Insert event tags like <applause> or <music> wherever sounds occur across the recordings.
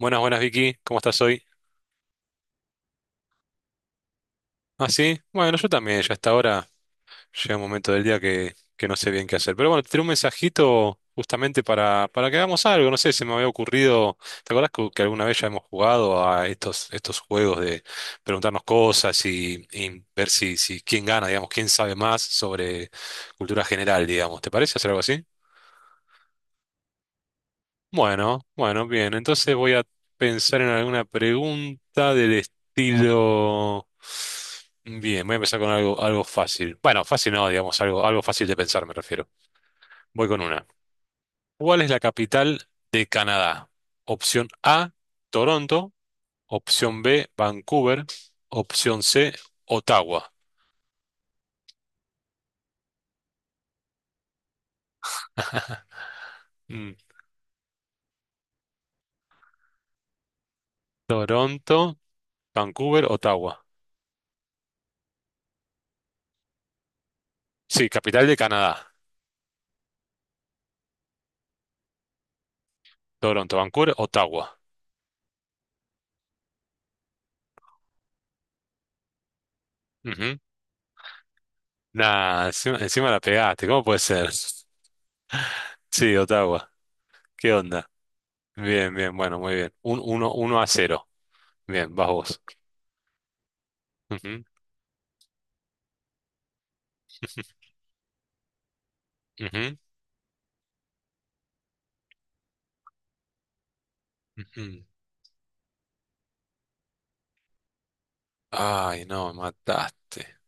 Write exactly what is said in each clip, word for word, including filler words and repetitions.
Buenas, buenas Vicky, ¿cómo estás hoy? Ah, sí, bueno, yo también, ya hasta ahora llega un momento del día que, que no sé bien qué hacer. Pero bueno, te tiré un mensajito justamente para, para que hagamos algo, no sé, se me había ocurrido, ¿te acuerdas que, que alguna vez ya hemos jugado a estos, estos juegos de preguntarnos cosas y, y ver si, si quién gana, digamos, quién sabe más sobre cultura general, digamos, ¿te parece hacer algo así? Bueno, bueno, bien. Entonces voy a pensar en alguna pregunta del estilo. Bien, voy a empezar con algo, algo fácil. Bueno, fácil no, digamos, algo, algo fácil de pensar, me refiero. Voy con una. ¿Cuál es la capital de Canadá? Opción A, Toronto. Opción B, Vancouver. Opción C, Ottawa. Mm, Toronto, Vancouver, Ottawa. Sí, capital de Canadá. Toronto, Vancouver, Ottawa. Ujú. Nah, encima, encima la pegaste, ¿cómo puede ser? <laughs> Sí, Ottawa, ¿qué onda? Bien, bien, bueno, muy bien. Un, uno, uno a cero. Bien, vas vos. Ujú, ujú, ujú. Ay, no, me mataste.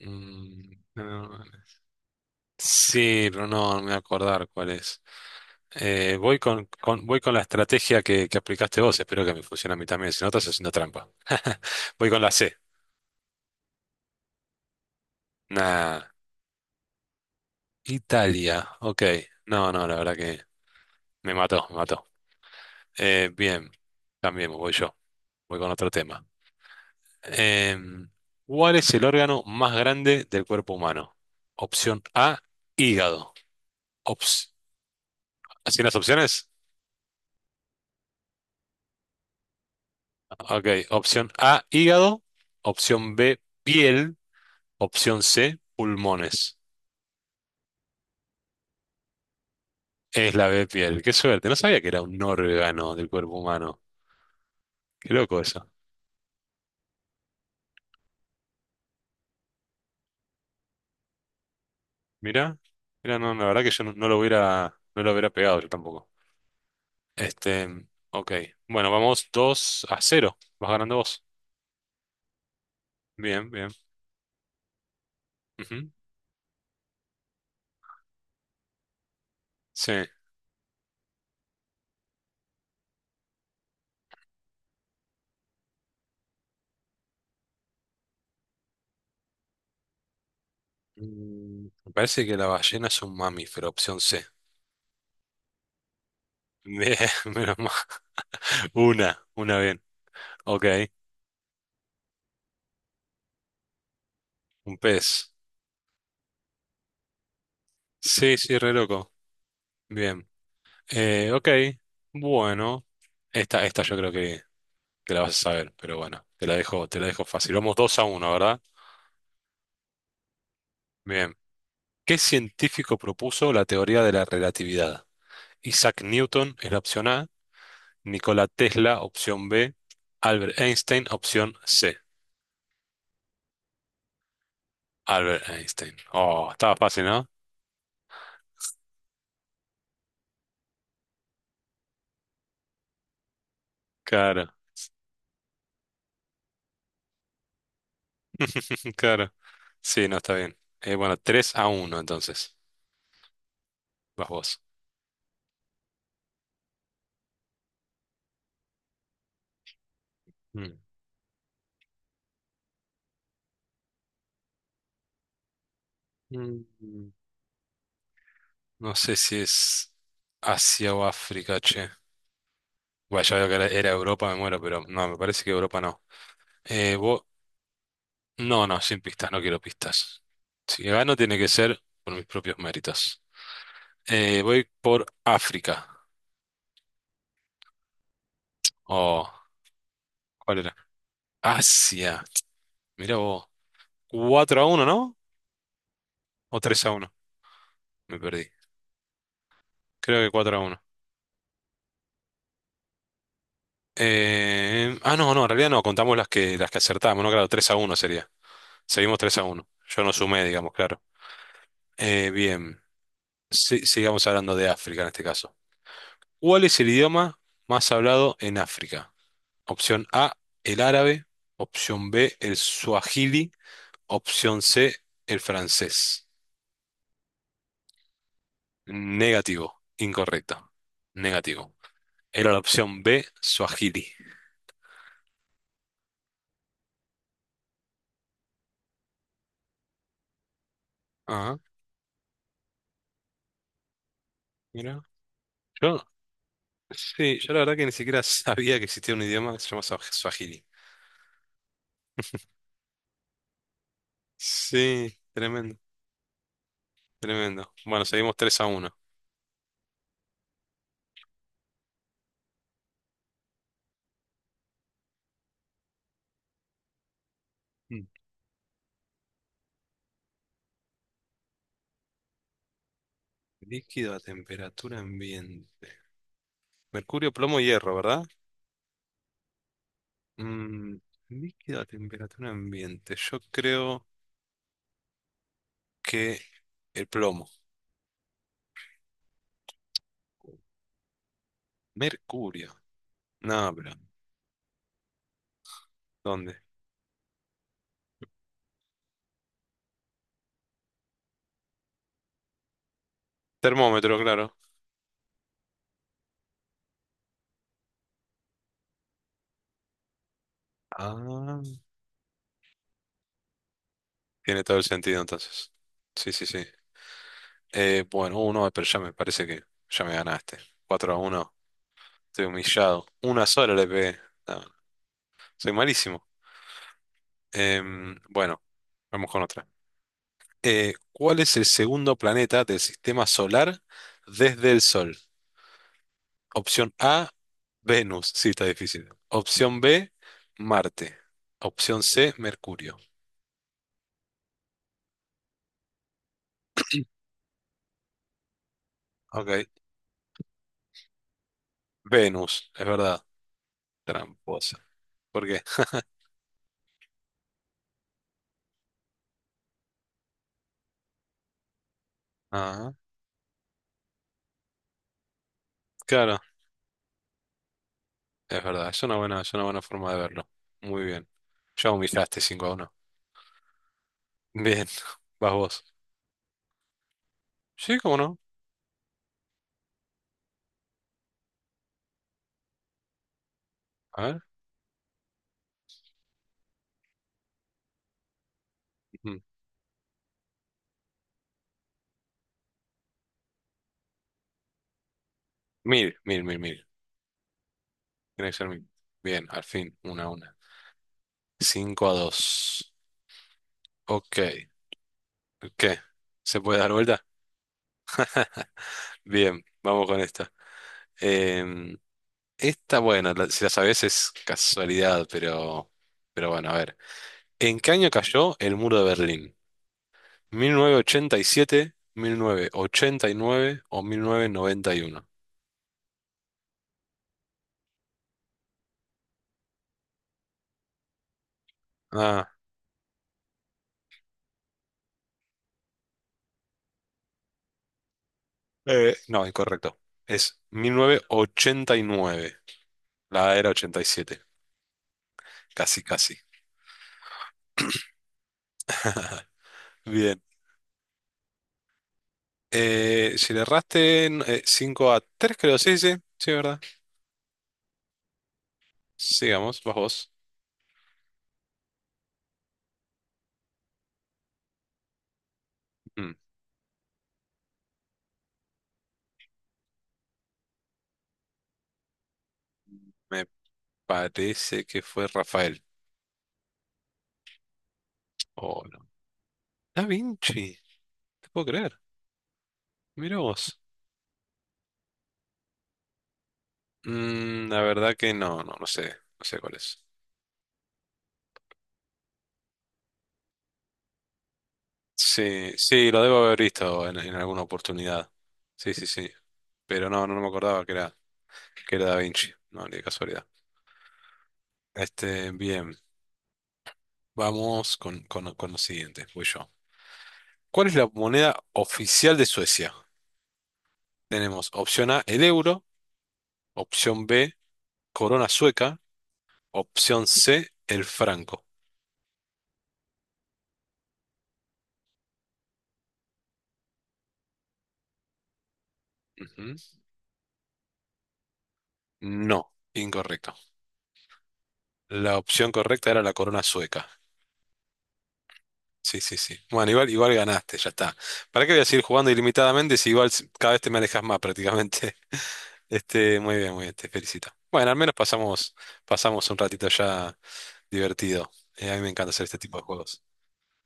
Mm, no. No, no. Sí, pero no, no me voy a acordar cuál es. Eh, voy con, con- voy con la estrategia que, que aplicaste vos, espero que me funcione a mí también, si no estás haciendo trampa. <laughs> Voy con la C. Nah, Italia, ok. No, no, la verdad que me mató, me mató. Eh, bien, cambiemos, voy yo, voy con otro tema. Em, ¿cuál es el órgano más grande del cuerpo humano? Opción A, hígado. Ops- ¿Así las opciones? Ok, opción A, hígado. Opción B, piel. Opción C, pulmones. Es la B, piel. Qué suerte, no sabía que era un órgano del cuerpo humano. Qué loco eso. Mira, mira, no, la verdad que yo no, no lo hubiera, no lo hubiera pegado yo tampoco. Este, ok. Bueno, vamos dos a cero. Vas ganando vos. Bien, bien. Ujú. Sí. Mm, Me parece que la ballena es un mamífero, opción C. Bien, <laughs> menos mal. Una, una bien. Ok, un pez. Sí, sí, re loco. Bien. Eh, ok, bueno. Esta, esta yo creo que, que la vas a saber, pero bueno, te la dejo, te la dejo fácil. Vamos dos a uno, ¿verdad? Bien. ¿Qué científico propuso la teoría de la relatividad? Isaac Newton es la opción A. Nikola Tesla, opción B. Albert Einstein, opción C. Albert Einstein. Oh, estaba fácil, ¿no? Claro, <laughs> claro. Sí, no está bien. Eh, bueno, tres a uno, entonces. Vas vos. Mm. Mm. No sé si es Asia o África, che. Bueno, ya veo que era era Europa, me muero, pero no, me parece que Europa no. Eh, vos... No, no, sin pistas, no quiero pistas. Si gano tiene que ser por mis propios méritos. Eh, voy por África. Oh, ¿cuál era? Asia. Mira vos. Cuatro a uno, ¿no? O tres a uno, me perdí. Creo que cuatro a uno. Eh, ah, no, no, en realidad no, contamos las que, las que acertamos, ¿no? Claro, tres a uno sería. Seguimos tres a uno. Yo no sumé, digamos, claro. Eh, bien, Si- sigamos hablando de África en este caso. ¿Cuál es el idioma más hablado en África? Opción A, el árabe. Opción B, el suajili. Opción C, el francés. Negativo, incorrecto. Negativo. Era la opción B, Swahili. Ah, mira. Yo, sí, yo la verdad que ni siquiera sabía que existía un idioma que se llama Swah- Swahili. Sí, tremendo, tremendo. Bueno, seguimos tres a uno. Mm. Líquido a temperatura ambiente. Mercurio, plomo, hierro, ¿verdad? Mm, líquido a temperatura ambiente. Yo creo que el plomo. Mercurio. No, pero ¿dónde? Termómetro, claro. Ah, tiene todo el sentido entonces. Sí, sí, sí. Eh, bueno, uno, pero ya me parece que ya me ganaste. Cuatro a uno. Estoy humillado. Una sola le pegué. No, soy malísimo. Em, bueno, vamos con otra. Eh, ¿cuál es el segundo planeta del sistema solar desde el Sol? Opción A, Venus. Sí, está difícil. Opción B, Marte. Opción C, Mercurio. Ok. Venus, es verdad. Tramposa. ¿Por qué? Ah, claro. Es verdad, es una buena, es una buena, forma de verlo. Muy bien. ¿Ya humillaste cinco a uno? Bien, <laughs> vas vos. Sí, cómo no. A ver. Mm. Mil, mil, mil, mil. Tiene que ser mil. Bien, al fin, una a una. Cinco a dos. Ok. ¿Qué? ¿Se puede dar vuelta? <laughs> Bien, vamos con esta. Em, esta, bueno, la- si la sabes es casualidad, pero, pero bueno, a ver. ¿En qué año cayó el muro de Berlín? mil mil novecientos novecientos ochenta ochenta y siete, mil novecientos ochenta y nueve o mil novecientos noventa y uno. Ah, eh, no, incorrecto. Es mil novecientos ochenta y nueve. La era ochenta y siete. Casi, casi. <laughs> Bien. Eh, si le erraste, eh, cinco a tres creo. Sí, sí, sí, ¿verdad? Sigamos, vas vos. Mm, Me parece que fue Rafael. Oh, no. Da Vinci. No te puedo creer. Mira vos. Mm, la verdad que no, no, no sé. No sé cuál es. Sí, sí, lo debo haber visto en, en alguna oportunidad. Sí, sí, sí. Pero no, no, no me acordaba que era, que era Da Vinci, no, ni de casualidad. Este, bien, vamos con, con, con lo siguiente, voy yo. ¿Cuál es la moneda oficial de Suecia? Tenemos opción A, el euro, opción B, corona sueca, opción C, el franco. Ujú. No, incorrecto. La opción correcta era la corona sueca. Sí, sí, sí. Bueno, igual, igual ganaste, ya está. ¿Para qué voy a seguir jugando ilimitadamente si igual s- cada vez te me alejas más prácticamente? <laughs> Este, muy bien, muy bien, te felicito. Bueno, al menos pasamos, pasamos, un ratito ya divertido. Eh, a mí me encanta hacer este tipo de juegos.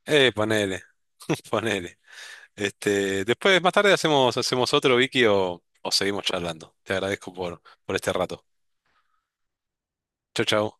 Eh, ponele, <laughs> ponele. Este, después, más tarde hacemos, hacemos otro, Vicky, o, o seguimos charlando. Te agradezco por, por este rato. Chau, chau.